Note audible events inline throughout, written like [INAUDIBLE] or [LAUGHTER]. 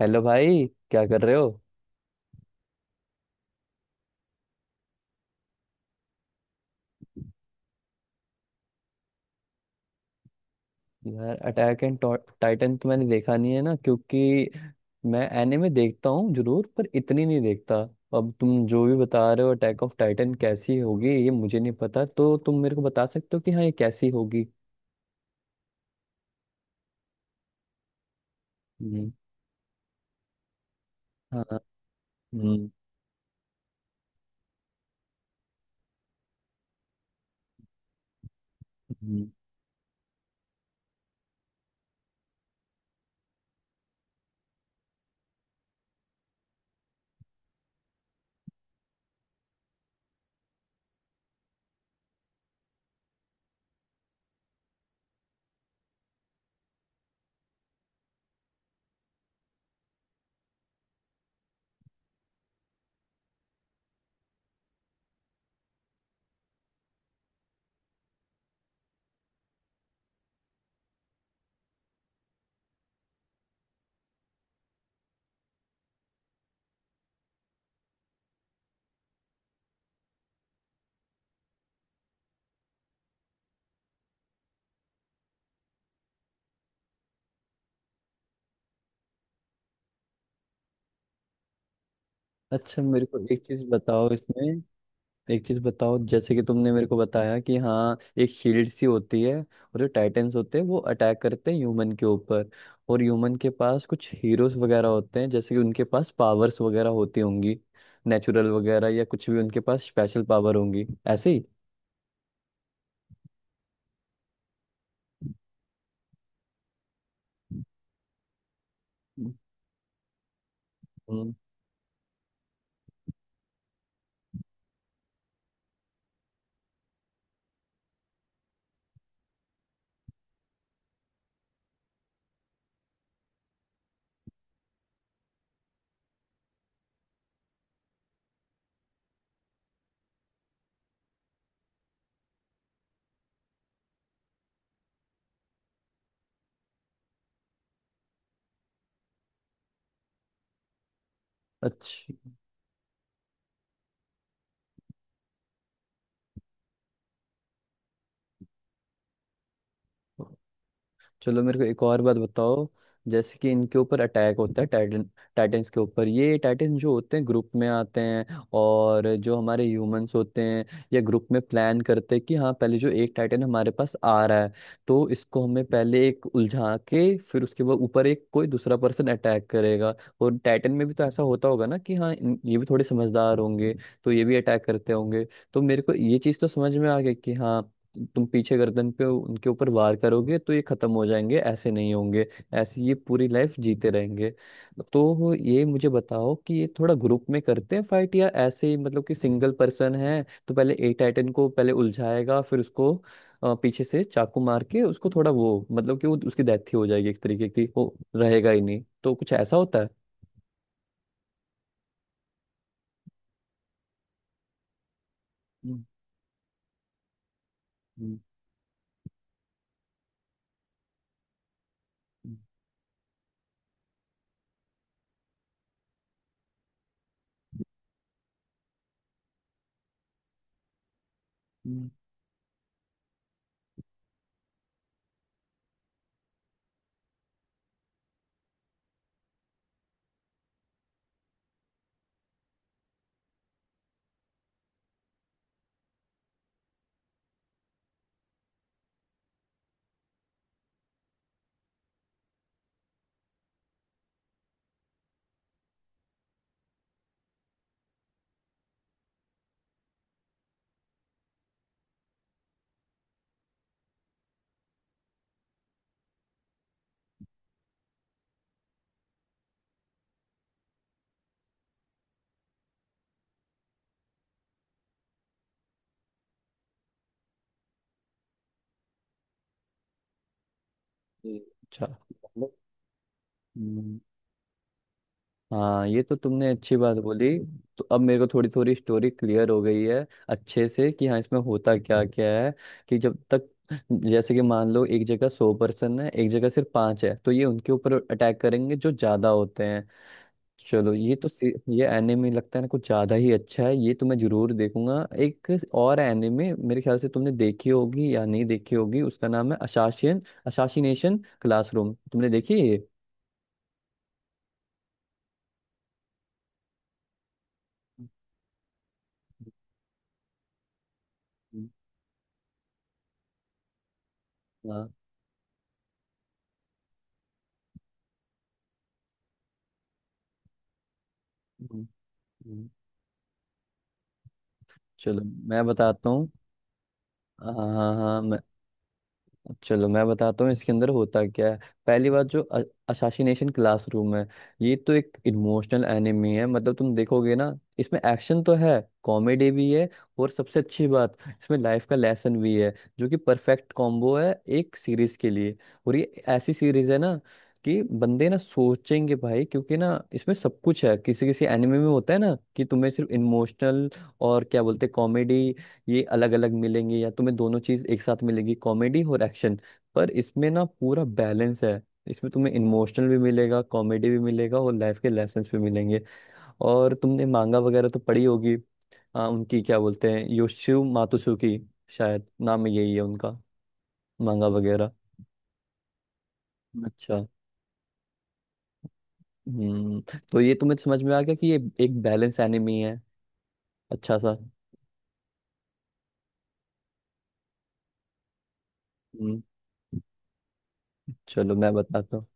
Hello भाई, क्या कर रहे हो? यार, अटैक एंड टाइटन तो मैंने देखा नहीं है ना, क्योंकि मैं एनिमे देखता हूँ जरूर पर इतनी नहीं देखता। अब तुम जो भी बता रहे हो, अटैक ऑफ टाइटन कैसी होगी ये मुझे नहीं पता, तो तुम मेरे को बता सकते हो कि हाँ, ये कैसी होगी। हम्म। हाँ। हम्म। हम्म। अच्छा, मेरे को एक चीज बताओ इसमें। एक चीज बताओ, जैसे कि तुमने मेरे को बताया कि हाँ, एक शील्ड सी होती है और जो टाइटेंस होते हैं वो अटैक करते हैं ह्यूमन के ऊपर, और ह्यूमन के पास कुछ हीरोज वगैरह होते हैं, जैसे कि उनके पास पावर्स वगैरह होती होंगी, नेचुरल वगैरह, या कुछ भी उनके पास स्पेशल पावर होंगी ऐसे ही। हम्म। हम्म। अच्छा, चलो मेरे को एक और बात बताओ। जैसे कि इनके ऊपर अटैक होता है, टाइटन्स के ऊपर ये टाइटन्स जो होते हैं ग्रुप में आते हैं, और जो हमारे ह्यूमंस होते हैं ये ग्रुप में प्लान करते हैं कि हाँ, पहले जो एक टाइटन हमारे पास आ रहा है, तो इसको हमें पहले एक उलझा के फिर उसके बाद ऊपर एक कोई दूसरा पर्सन अटैक करेगा। और टाइटन में भी तो ऐसा होता होगा ना कि हाँ, ये भी थोड़े समझदार होंगे, तो ये भी अटैक करते होंगे। तो मेरे को ये चीज़ तो समझ में आ गई कि हाँ, तुम पीछे गर्दन पे उनके ऊपर वार करोगे तो ये खत्म हो जाएंगे, ऐसे नहीं होंगे ऐसे ये पूरी लाइफ जीते रहेंगे। तो ये मुझे बताओ कि ये थोड़ा ग्रुप में करते हैं फाइट, या ऐसे ही मतलब कि सिंगल पर्सन है तो पहले ए टाइटन को पहले उलझाएगा फिर उसको पीछे से चाकू मार के उसको थोड़ा वो, मतलब कि वो उसकी डेथ ही हो जाएगी एक तरीके की, वो रहेगा ही नहीं, तो कुछ ऐसा होता है? हम्म। हम्म। हम्म। हम्म। जी। अच्छा। हम्म। हाँ, ये तो तुमने अच्छी बात बोली। तो अब मेरे को थोड़ी थोड़ी स्टोरी क्लियर हो गई है अच्छे से कि हाँ, इसमें होता क्या क्या है। कि जब तक, जैसे कि मान लो एक जगह 100 पर्सन है, एक जगह सिर्फ पांच है, तो ये उनके ऊपर अटैक करेंगे जो ज्यादा होते हैं। चलो ये तो सी- ये एनिमे लगता है ना कुछ ज्यादा ही अच्छा है, ये तो मैं जरूर देखूंगा। एक और एनिमे मेरे ख्याल से तुमने देखी होगी या नहीं देखी होगी, उसका नाम है असासिनेशन क्लासरूम। तुमने देखी है ये? [LAUGHS] हम्म। हम्म। हाँ। हम्म। चलो मैं बताता हूँ। हाँ हाँ हाँ, हाँ, मैं चलो मैं बताता हूँ इसके अंदर होता क्या है। पहली बात, जो असासिनेशन क्लासरूम है, ये तो एक इमोशनल एनिमी है। मतलब तुम देखोगे ना, इसमें एक्शन तो है, कॉमेडी भी है, और सबसे अच्छी बात, इसमें लाइफ का लेसन भी है, जो कि परफेक्ट कॉम्बो है एक सीरीज के लिए। और ये ऐसी सीरीज है ना कि बंदे ना सोचेंगे भाई, क्योंकि ना, इसमें सब कुछ है। किसी किसी एनिमे में होता है ना कि तुम्हें सिर्फ इमोशनल और क्या बोलते कॉमेडी, ये अलग अलग मिलेंगे, या तुम्हें दोनों चीज एक साथ मिलेगी, कॉमेडी और एक्शन, पर इसमें ना पूरा बैलेंस है। इसमें तुम्हें इमोशनल भी मिलेगा, कॉमेडी भी मिलेगा, और लाइफ के लेसन्स भी मिलेंगे। और तुमने मांगा वगैरह तो पढ़ी होगी, उनकी क्या बोलते हैं, योशियो मातसुकी, शायद नाम यही है उनका, मांगा वगैरह। अच्छा। हम्म। तो ये तुम्हें समझ में आ गया कि ये एक बैलेंस एनिमी है, अच्छा सा। हम्म। चलो मैं बताता हूँ।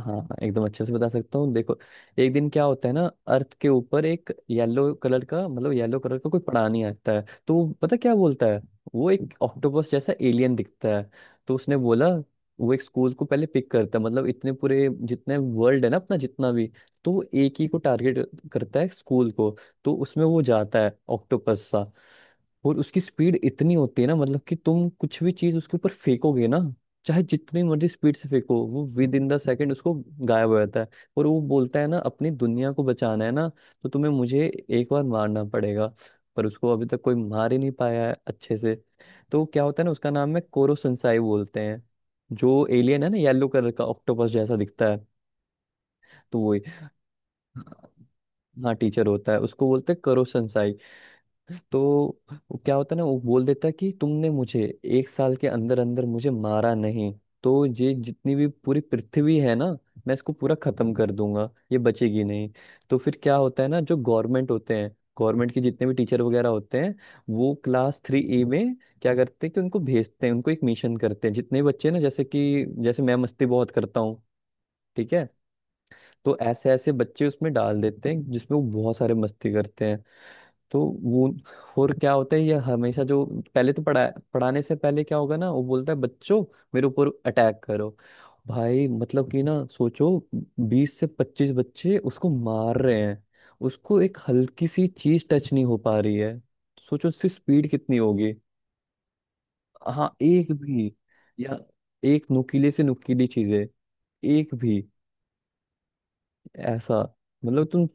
हाँ हाँ, एकदम अच्छे से बता सकता हूँ। देखो, एक दिन क्या होता है ना, अर्थ के ऊपर एक येलो कलर का, मतलब येलो कलर का कोई प्राणी आता है, तो वो पता क्या बोलता है। वो एक ऑक्टोपस जैसा एलियन दिखता है। तो उसने बोला, वो एक स्कूल को पहले पिक करता है, मतलब इतने पूरे जितने वर्ल्ड है ना अपना जितना भी, तो वो एक ही को टारगेट करता है, स्कूल को। तो उसमें वो जाता है ऑक्टोपस सा, और उसकी स्पीड इतनी होती है ना, मतलब कि तुम कुछ भी चीज उसके ऊपर फेंकोगे ना, चाहे जितनी मर्जी स्पीड से फेंको, वो विद इन द सेकेंड उसको गायब हो जाता है। और वो बोलता है ना, अपनी दुनिया को बचाना है ना, तो तुम्हें मुझे एक बार मारना पड़ेगा। पर उसको अभी तक कोई मार ही नहीं पाया है अच्छे से। तो क्या होता है ना, उसका नाम है कोरो संसाई बोलते हैं, जो एलियन है ना, येलो कलर का ऑक्टोपस जैसा दिखता है। तो वो, हाँ टीचर होता है, उसको बोलते हैं करो। तो वो क्या होता है ना, वो बोल देता है कि तुमने मुझे एक साल के अंदर अंदर मुझे मारा नहीं, तो ये जितनी भी पूरी पृथ्वी है ना, मैं इसको पूरा खत्म कर दूंगा, ये बचेगी नहीं। तो फिर क्या होता है ना, जो गवर्नमेंट होते हैं, गवर्नमेंट के जितने भी टीचर वगैरह होते हैं, वो क्लास 3 ई में क्या करते हैं कि उनको भेजते हैं, उनको एक मिशन करते हैं। जितने बच्चे ना, जैसे कि जैसे मैं मस्ती बहुत करता हूँ, ठीक है, तो ऐसे ऐसे बच्चे उसमें डाल देते हैं, जिसमें वो बहुत सारे मस्ती करते हैं। तो वो, और क्या होता है, ये हमेशा जो पहले तो पढ़ाने से पहले क्या होगा ना, वो बोलता है, बच्चों मेरे ऊपर अटैक करो। भाई मतलब कि ना सोचो, 20 से 25 बच्चे उसको मार रहे हैं, उसको एक हल्की सी चीज टच नहीं हो पा रही है। सोचो उसकी स्पीड कितनी होगी। हाँ, एक भी। या एक नुकीले से नुकीली चीजें, एक भी, ऐसा, मतलब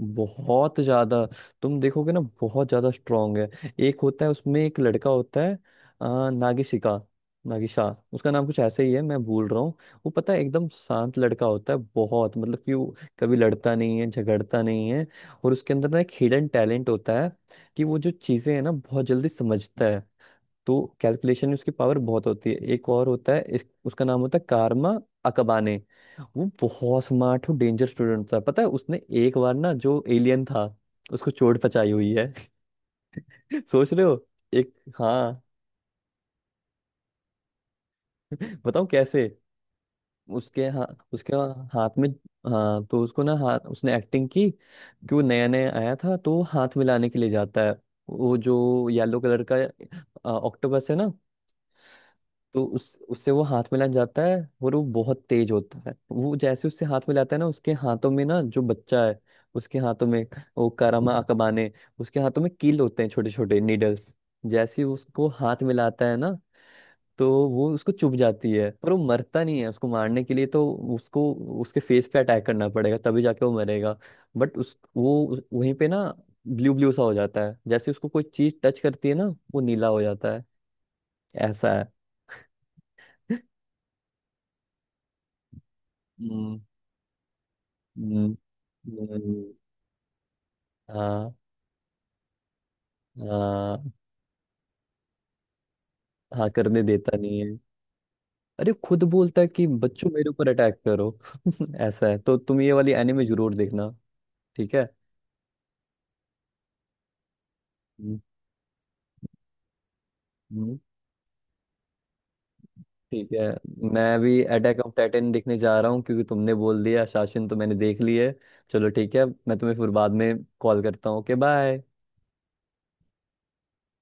बहुत ज्यादा तुम देखोगे ना बहुत ज्यादा स्ट्रांग है। एक होता है उसमें, एक लड़का होता है, नागिशिका नागिशा, उसका नाम कुछ ऐसे ही है, मैं भूल रहा हूँ। वो पता है एकदम शांत लड़का होता है, बहुत, मतलब कि वो कभी लड़ता नहीं है, झगड़ता नहीं है। और उसके अंदर ना एक हिडन टैलेंट होता है कि वो जो चीजें हैं ना बहुत जल्दी समझता है, तो कैलकुलेशन में उसकी पावर बहुत होती है। एक और होता है, उसका नाम होता है कारमा अकबाने। वो बहुत स्मार्ट और डेंजर स्टूडेंट था। पता है, उसने एक बार ना, जो एलियन था उसको चोट पचाई हुई है। [LAUGHS] सोच रहे हो? एक, हाँ। [LAUGHS] बताओ कैसे। उसके, हाँ, उसके हाथ में। हाँ, तो उसको ना, हाथ, उसने एक्टिंग की कि वो नया नया आया था तो वो हाथ मिलाने के लिए जाता है। वो जो येलो कलर का ऑक्टोपस है ना, तो उस उससे वो हाथ मिला जाता है। और वो बहुत तेज होता है, वो जैसे उससे हाथ मिलाता है ना, उसके हाथों में ना, जो बच्चा है उसके हाथों में, वो कारामा अकबाने, उसके हाथों में कील होते हैं, छोटे छोटे नीडल्स। जैसे ही उसको हाथ मिलाता है ना, तो वो उसको चुभ जाती है, पर वो मरता नहीं है। उसको मारने के लिए तो उसको उसके फेस पे अटैक करना पड़ेगा, तभी जाके वो मरेगा। बट उस वो वहीं पे ना ब्लू ब्लू सा हो जाता है, जैसे उसको कोई चीज टच करती है ना, वो नीला हो जाता है, ऐसा है। [LAUGHS] हम्म। न- नहीं। हाँ। हाँ, हाँ, करने देता नहीं है। अरे, खुद बोलता है कि बच्चों मेरे ऊपर अटैक करो। [LAUGHS] ऐसा है, तो तुम ये वाली एनिमे जरूर देखना, ठीक है? हम्म। हम्म। ठीक है। मैं भी अटैक ऑफ टाइटन देखने जा रहा हूँ, क्योंकि तुमने बोल दिया। शासन तो मैंने देख ली है। चलो ठीक है, मैं तुम्हें फिर बाद में कॉल करता हूँ। Okay, bye.